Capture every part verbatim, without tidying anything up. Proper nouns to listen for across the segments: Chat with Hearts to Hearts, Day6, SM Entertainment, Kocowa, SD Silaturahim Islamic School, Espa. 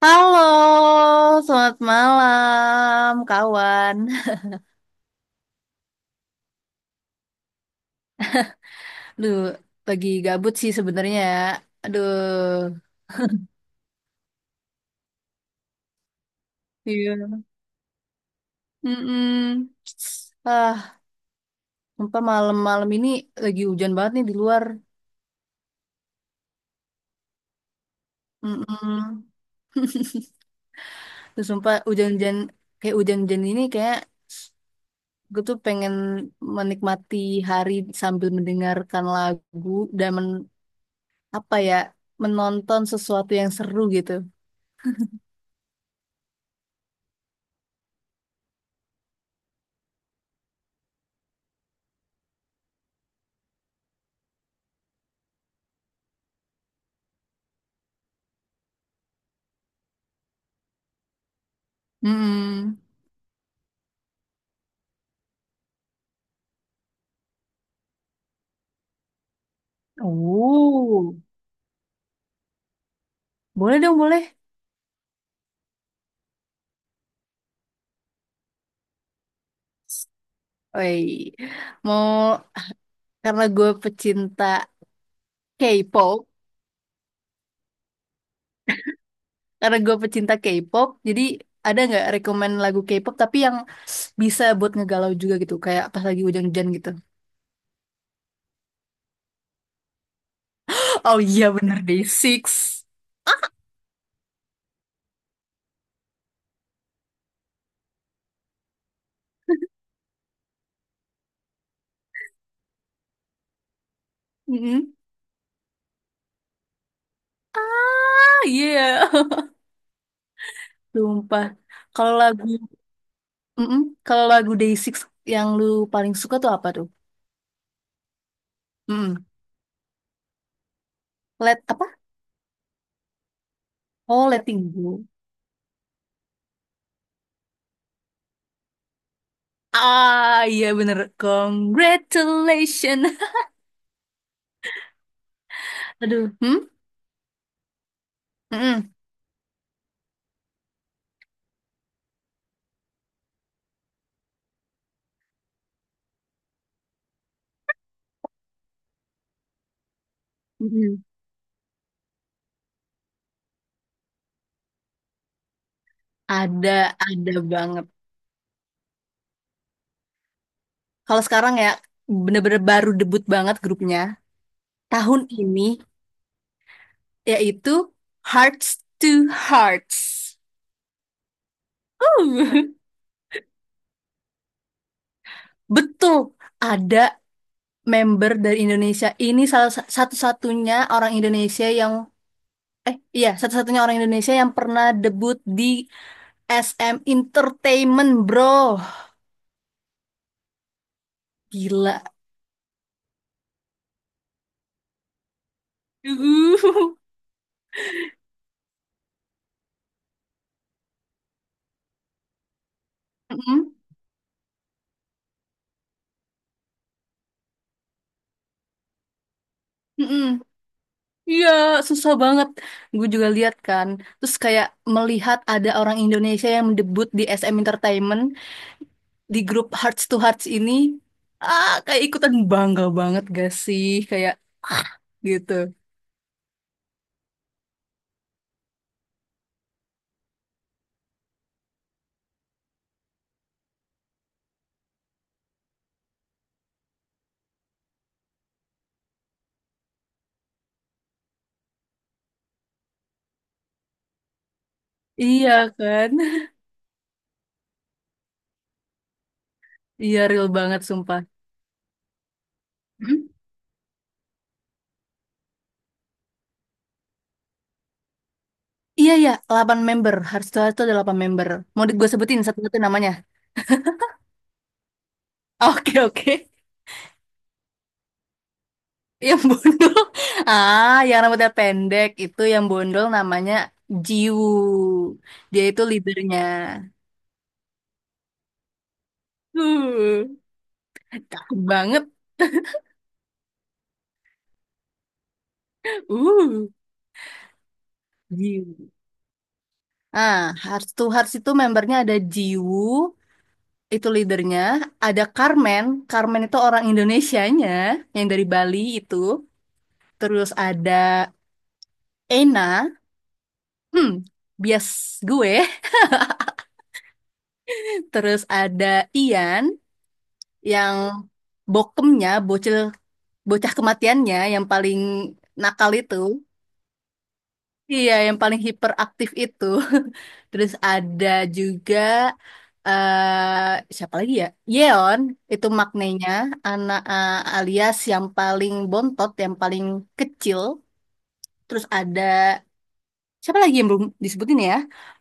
Halo, selamat malam, kawan. Aduh, lagi gabut sih sebenarnya. Aduh, iya. Mm-mm. Ah, sumpah malam-malam ini lagi hujan banget nih di luar. Mm-mm. Terus sumpah hujan-hujan kayak hujan-hujan ini kayak gue tuh pengen menikmati hari sambil mendengarkan lagu dan men- apa ya, menonton sesuatu yang seru gitu. Mm-mm. Oh. Boleh dong, boleh. Woi, mau, karena gue pecinta K-pop, karena gue pecinta K-pop, jadi ada nggak rekomen lagu K-pop tapi yang bisa buat ngegalau juga gitu, kayak pas lagi hujan-hujan gitu. Oh iya bener deh, Six. Mm-mm. Ah, iya. Sumpah. Kalau lagu, mm-mm. Kalau lagu day six yang lu paling suka tuh apa tuh? Mm-mm. Let apa? Oh, Letting Go. Ah, iya bener. Congratulations. Aduh, hmm? Mm-mm, mm-mm. Ada, ada banget. Kalau sekarang ya, bener-bener baru debut banget grupnya. Tahun ini, yaitu Hearts to Hearts. Uh, betul, ada member dari Indonesia. Ini salah sa- satu-satunya orang Indonesia yang, eh iya, satu-satunya orang Indonesia yang pernah debut di S M Entertainment, bro. Gila. Uh. Mm-mm, mm-mm. Iya, susah banget. Gue juga lihat kan. Terus kayak melihat ada orang Indonesia yang mendebut di S M Entertainment di grup Hearts to Hearts ini, ah kayak ikutan bangga banget gak sih kayak gitu. Iya kan? Iya real banget sumpah. Hmm? Iya ya, delapan member. Hearts to Hearts itu ada delapan member. Mau gue sebutin satu-satu namanya. Oke, oke. Yang bondol. Ah, yang rambutnya pendek itu yang bondol namanya Jiwoo. Dia itu leadernya. Uh, cakep banget. Uh, Jiwoo. Ah, Hearts to Hearts itu membernya ada Jiwoo itu leadernya. Ada Carmen, Carmen itu orang Indonesianya, yang dari Bali itu. Terus ada Ena, hmm, bias gue. Terus ada Ian, yang bokemnya, bocil, bocah kematiannya, yang paling nakal itu. Iya, yang paling hiperaktif itu. Terus ada juga, eh siapa lagi ya? Yeon, itu maknanya anak, eh, alias yang paling bontot, yang paling kecil. Terus ada siapa lagi yang belum disebutin ya?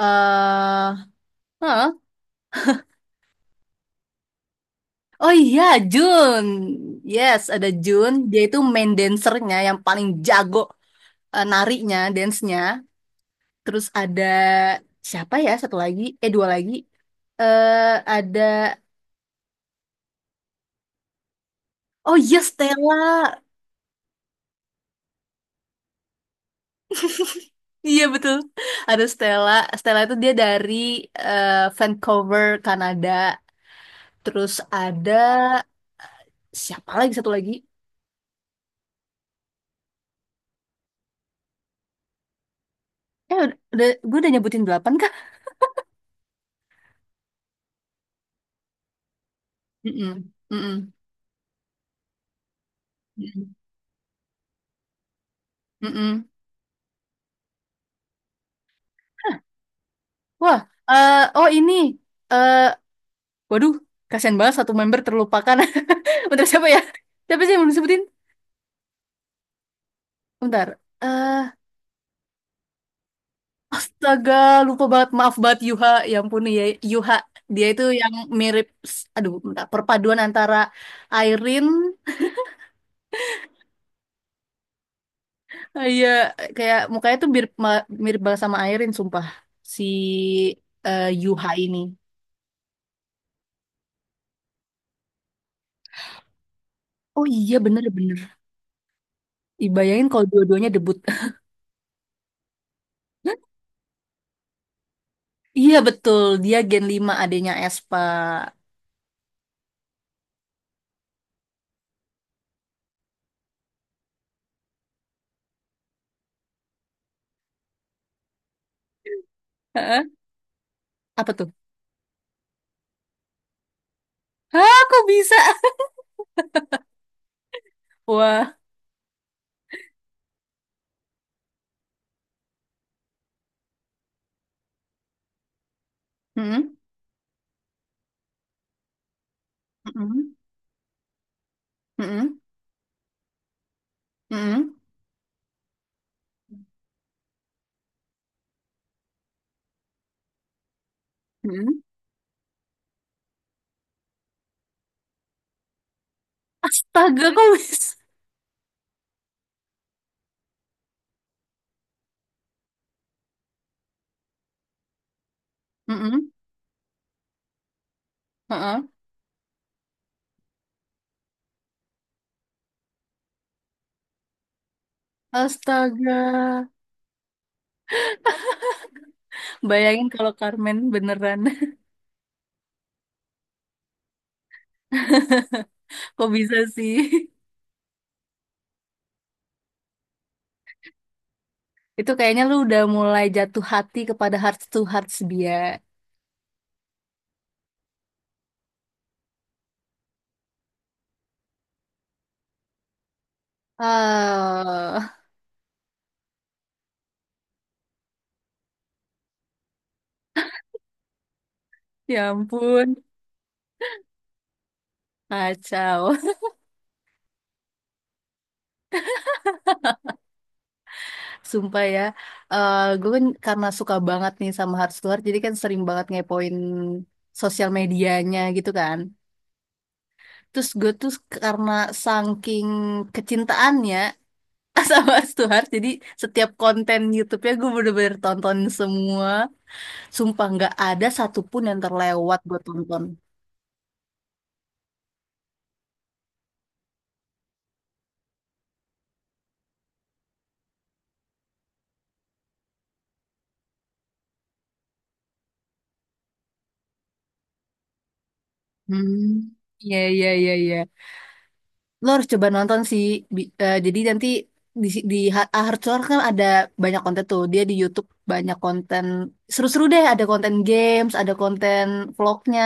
Eh, huh? Oh iya, Jun. Yes, ada Jun. Dia itu main dancernya yang paling jago, eh, narinya, dance-nya. Terus ada siapa ya? Satu lagi, eh, dua lagi. Eh ada, oh iya, Stella. Iya betul, ada Stella. Stella itu dia dari, eh, Vancouver Kanada. Terus ada siapa lagi, satu lagi, eh udah, gue udah nyebutin delapan kah? Mm-mm. Mm-mm. Mm-mm. Mm-mm. Wah, eh oh, ini, eh waduh, kasihan banget satu member terlupakan. Bentar, siapa ya? Siapa sih yang belum disebutin? Bentar. Eh Astaga, lupa banget. Maaf banget Yuha. Ya ampun ya Yuha. Dia itu yang mirip, aduh, bentar, perpaduan antara Airin, eh, iya, kayak mukanya tuh mirip, ma- mirip banget sama Airin, sumpah. Si eh, Yuha ini. Oh iya, bener-bener. Dibayangin kalau dua-duanya debut. Iya betul, dia Gen Lima adanya Espa. Heeh. Apa tuh? Hah, kok bisa? Wah. Mm-mm. Mm-mm. Mm-mm. Mm-mm. Mm-mm. Astaga, kok bisa? Mm-mm. Heeh. Astaga, bayangin kalau Carmen beneran, kok bisa sih? Itu kayaknya lu udah mulai jatuh hati kepada hearts to hearts dia. Ah, ya ampun, kacau. Sumpah ya, Eh gue kan karena suka banget nih sama hearts to hearts, jadi kan sering banget ngepoin sosial medianya gitu kan. Terus gue tuh karena saking kecintaannya, sama Stuart jadi setiap konten YouTube-nya gue bener-bener tonton semua, sumpah nggak ada satupun yang terlewat gue tonton. Hmm, iya, iya, iya, iya. Lo harus coba nonton sih. Bi- eh, jadi nanti di, si- di Ha- Ahad Suar kan ada banyak konten tuh. Dia di YouTube banyak konten seru-seru deh. Ada konten games, ada konten vlognya.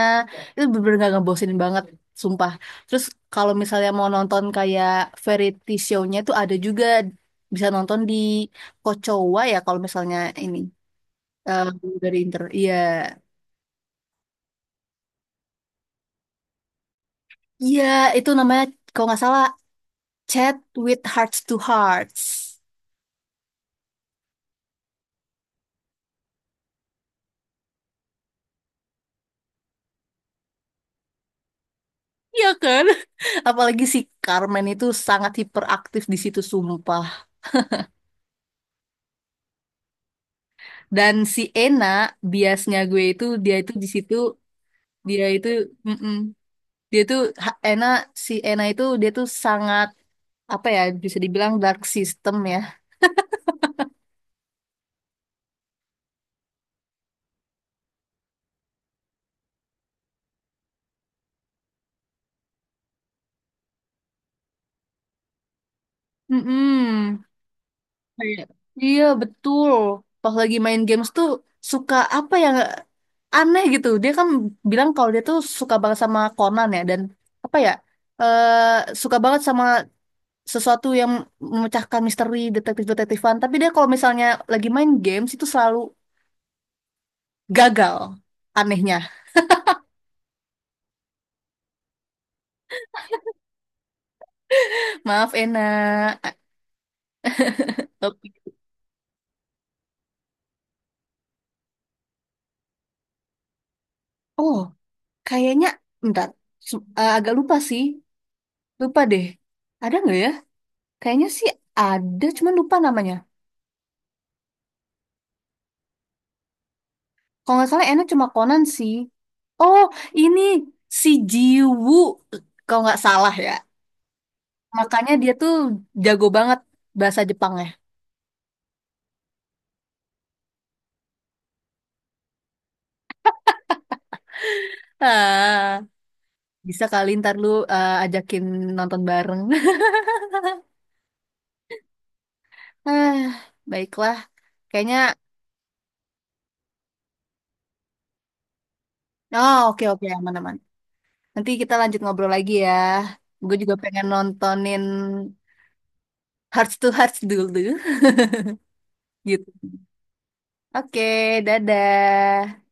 Itu bener-bener gak ngebosenin banget, sumpah. Terus kalau misalnya mau nonton kayak variety show-nya tuh ada juga, bisa nonton di Kocowa ya kalau misalnya ini, eh, dari Inter. Iya, iya itu namanya kalau nggak salah Chat with Hearts to Hearts. Iya kan? Apalagi si Carmen itu sangat hiperaktif di situ sumpah. Dan si Ena biasnya gue, itu dia itu di situ, dia itu, mm-mm, dia tuh ha- Ena, si Ena itu dia tuh sangat, apa ya, bisa dibilang dark system ya. Mm-mm. Kayak, iya betul. Pas lagi main games tuh suka apa yang aneh gitu. Dia kan bilang kalau dia tuh suka banget sama Conan ya, dan apa ya, eh suka banget sama sesuatu yang memecahkan misteri detektif-detektifan. Tapi dia kalau misalnya lagi main games itu selalu gagal anehnya. Maaf Ena. A- tapi- Oh, kayaknya, bentar. Su- eh, agak lupa sih. Lupa deh. Ada nggak ya? Kayaknya sih ada, cuman lupa namanya. Kalau nggak salah Ena cuma Conan sih. Oh, ini si Jiwoo. Kalau nggak salah ya. Makanya dia tuh jago banget bahasa Jepangnya. Ah. Bisa kali ntar lu, eh, ajakin nonton bareng. Ah, baiklah. Kayaknya, oh, oke, oke, aman-aman. Nanti kita lanjut ngobrol lagi ya. Gue juga pengen nontonin Hearts to Hearts dulu. Gitu. Oke, dadah.